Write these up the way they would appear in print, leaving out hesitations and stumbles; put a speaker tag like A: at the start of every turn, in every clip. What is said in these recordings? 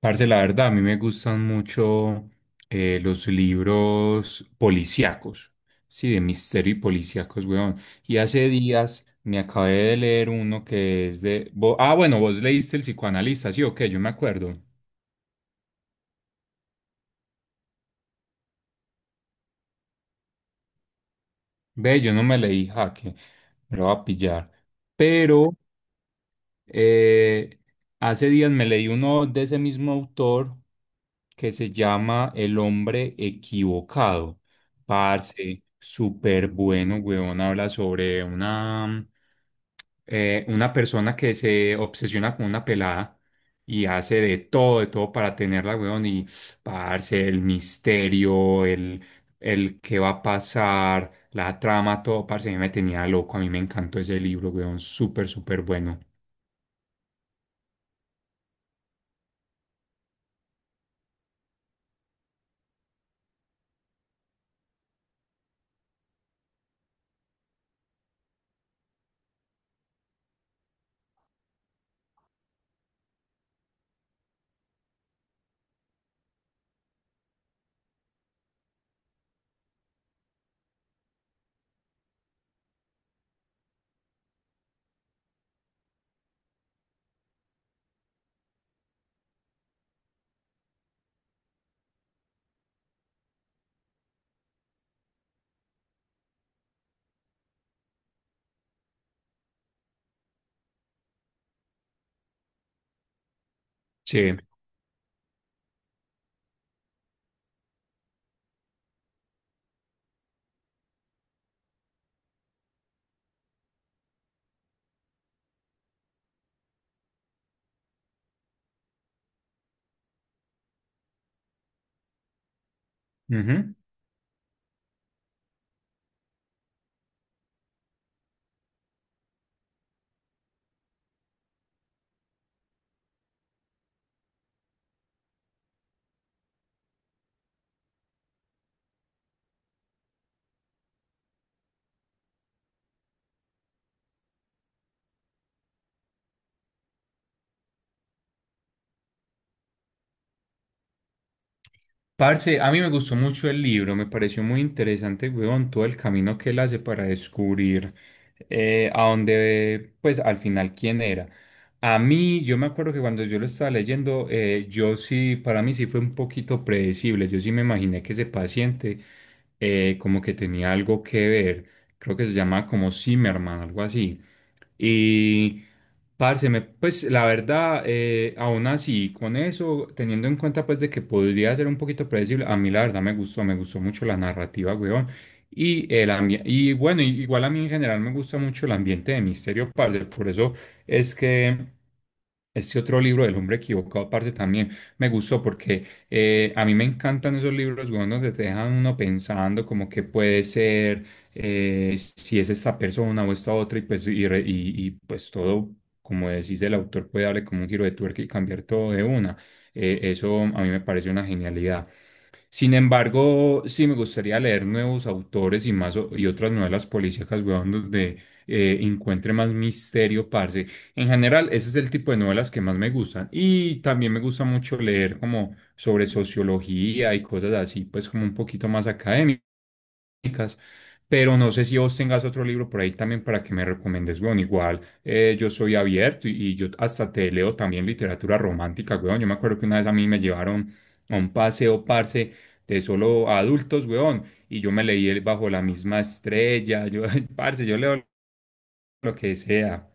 A: Parce, la verdad, a mí me gustan mucho los libros policíacos, sí, de misterio y policíacos, weón. Y hace días me acabé de leer uno que es bueno, vos leíste El psicoanalista, sí, ok, yo me acuerdo. Ve, yo no me leí Jaque, me lo va a pillar. Pero Eh, Hace días me leí uno de ese mismo autor que se llama El hombre equivocado. Parce, súper bueno, weón. Habla sobre una persona que se obsesiona con una pelada y hace de todo para tenerla, weón. Y, parce, el qué va a pasar, la trama, todo, parce, a mí me tenía loco. A mí me encantó ese libro, weón. Súper, súper bueno. Sí. Ujú. Parce, a mí me gustó mucho el libro, me pareció muy interesante, weón, todo el camino que él hace para descubrir pues al final quién era. A mí, yo me acuerdo que cuando yo lo estaba leyendo, yo sí, para mí sí fue un poquito predecible, yo sí me imaginé que ese paciente como que tenía algo que ver, creo que se llama como Zimmerman, algo así. Y pues la verdad, aún así, con eso, teniendo en cuenta pues de que podría ser un poquito predecible, a mí la verdad me gustó mucho la narrativa, weón. Y, el ambi- y Bueno, igual a mí en general me gusta mucho el ambiente de misterio, parce, por eso es que este otro libro del hombre equivocado, aparte también me gustó porque a mí me encantan esos libros, weón, donde te dejan uno pensando como que puede ser, si es esta persona o esta otra, pues todo, como decís, el autor puede darle como un giro de tuerca y cambiar todo de una. Eso a mí me parece una genialidad. Sin embargo, sí me gustaría leer nuevos autores y otras novelas policíacas, weón, donde encuentre más misterio, parce. En general, ese es el tipo de novelas que más me gustan. Y también me económicas, pero no sé si vos tengas otro libro por ahí también para que me recomiendes, weón. Igual yo soy abierto y yo hasta te leo también literatura romántica, weón. Yo me acuerdo que una vez a mí me llevaron a un paseo, parce, de solo adultos, weón, y yo me leí el Bajo la misma estrella, yo, parce, yo leo lo que sea.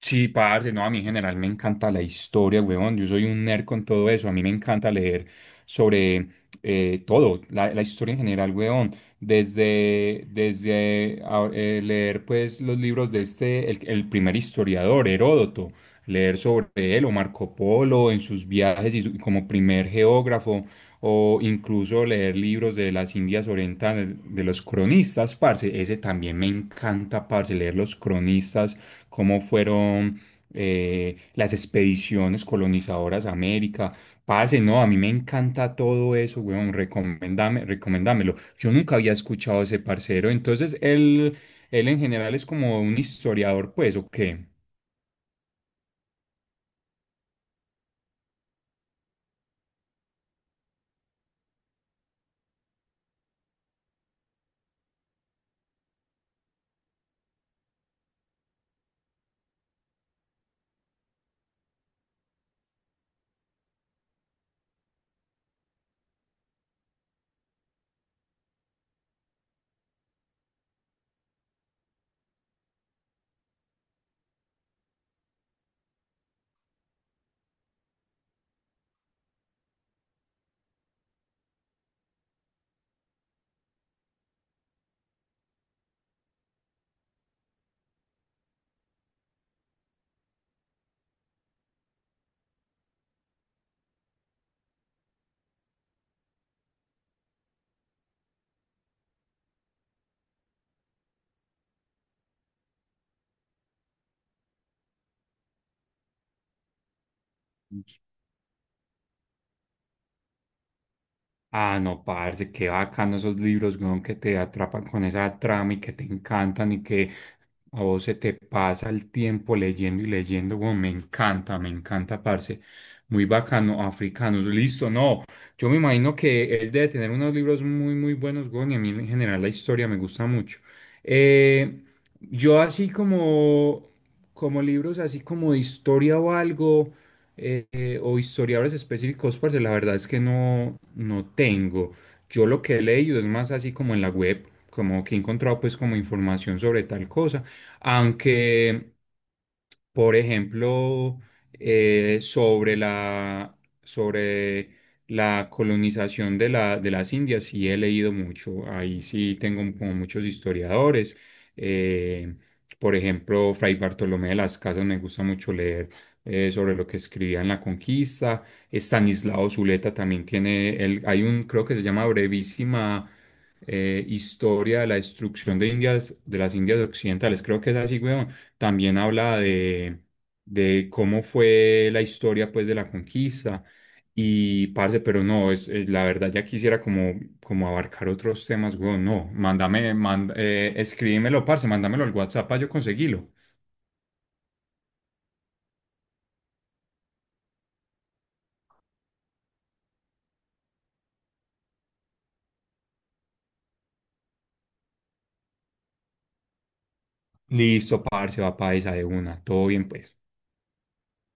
A: Sí, parce, no, a mí en general me encanta la historia, huevón. Yo soy un nerd con todo eso. A mí me encanta leer sobre todo, la historia en general, huevón. Desde leer, pues, los libros de este, el primer historiador, Heródoto, leer sobre él o Marco Polo en sus viajes como primer geógrafo, o incluso leer libros de las Indias Orientales, de los cronistas, parce. Ese también me encanta, parce, leer los cronistas cómo fueron las expediciones colonizadoras a América. Parce, no, a mí me encanta todo eso, weón, recomendame, recomendámelo. Yo nunca había escuchado a ese parcero, él en general es como un historiador, pues, ¿o qué? Ah, no, parce, qué bacano esos libros, weón, que te atrapan con esa trama y que te encantan y que a vos se te pasa el tiempo leyendo y leyendo, weón, me encanta, parce. Muy bacano, africanos, listo, no. Yo me imagino que él debe tener unos libros muy, muy buenos, weón, y a mí en general la historia me gusta mucho. Eh, yo así como, Como libros, así como de historia o algo, o historiadores específicos, parce, la verdad es que no, no tengo. Yo lo que he leído es más así como en la web, como que he encontrado pues como información sobre tal cosa aunque, por ejemplo, eh, sobre la, sobre la colonización de de las Indias, sí he leído mucho. Ahí sí tengo como muchos historiadores. Eh, por ejemplo, Fray Bartolomé de las Casas me gusta mucho leer sobre lo que escribía en la conquista. Estanislao Zuleta también tiene, el hay un, creo que se llama Brevísima Historia de la Destrucción de Indias, de las Indias Occidentales. Creo que es así, weón, también habla de cómo fue la historia pues de la conquista y parce, pero no, la verdad ya quisiera como, como abarcar otros temas, weón, no, escríbemelo, parce, mándamelo al WhatsApp para yo conseguirlo. Listo, parce, va paisa de una, todo bien pues.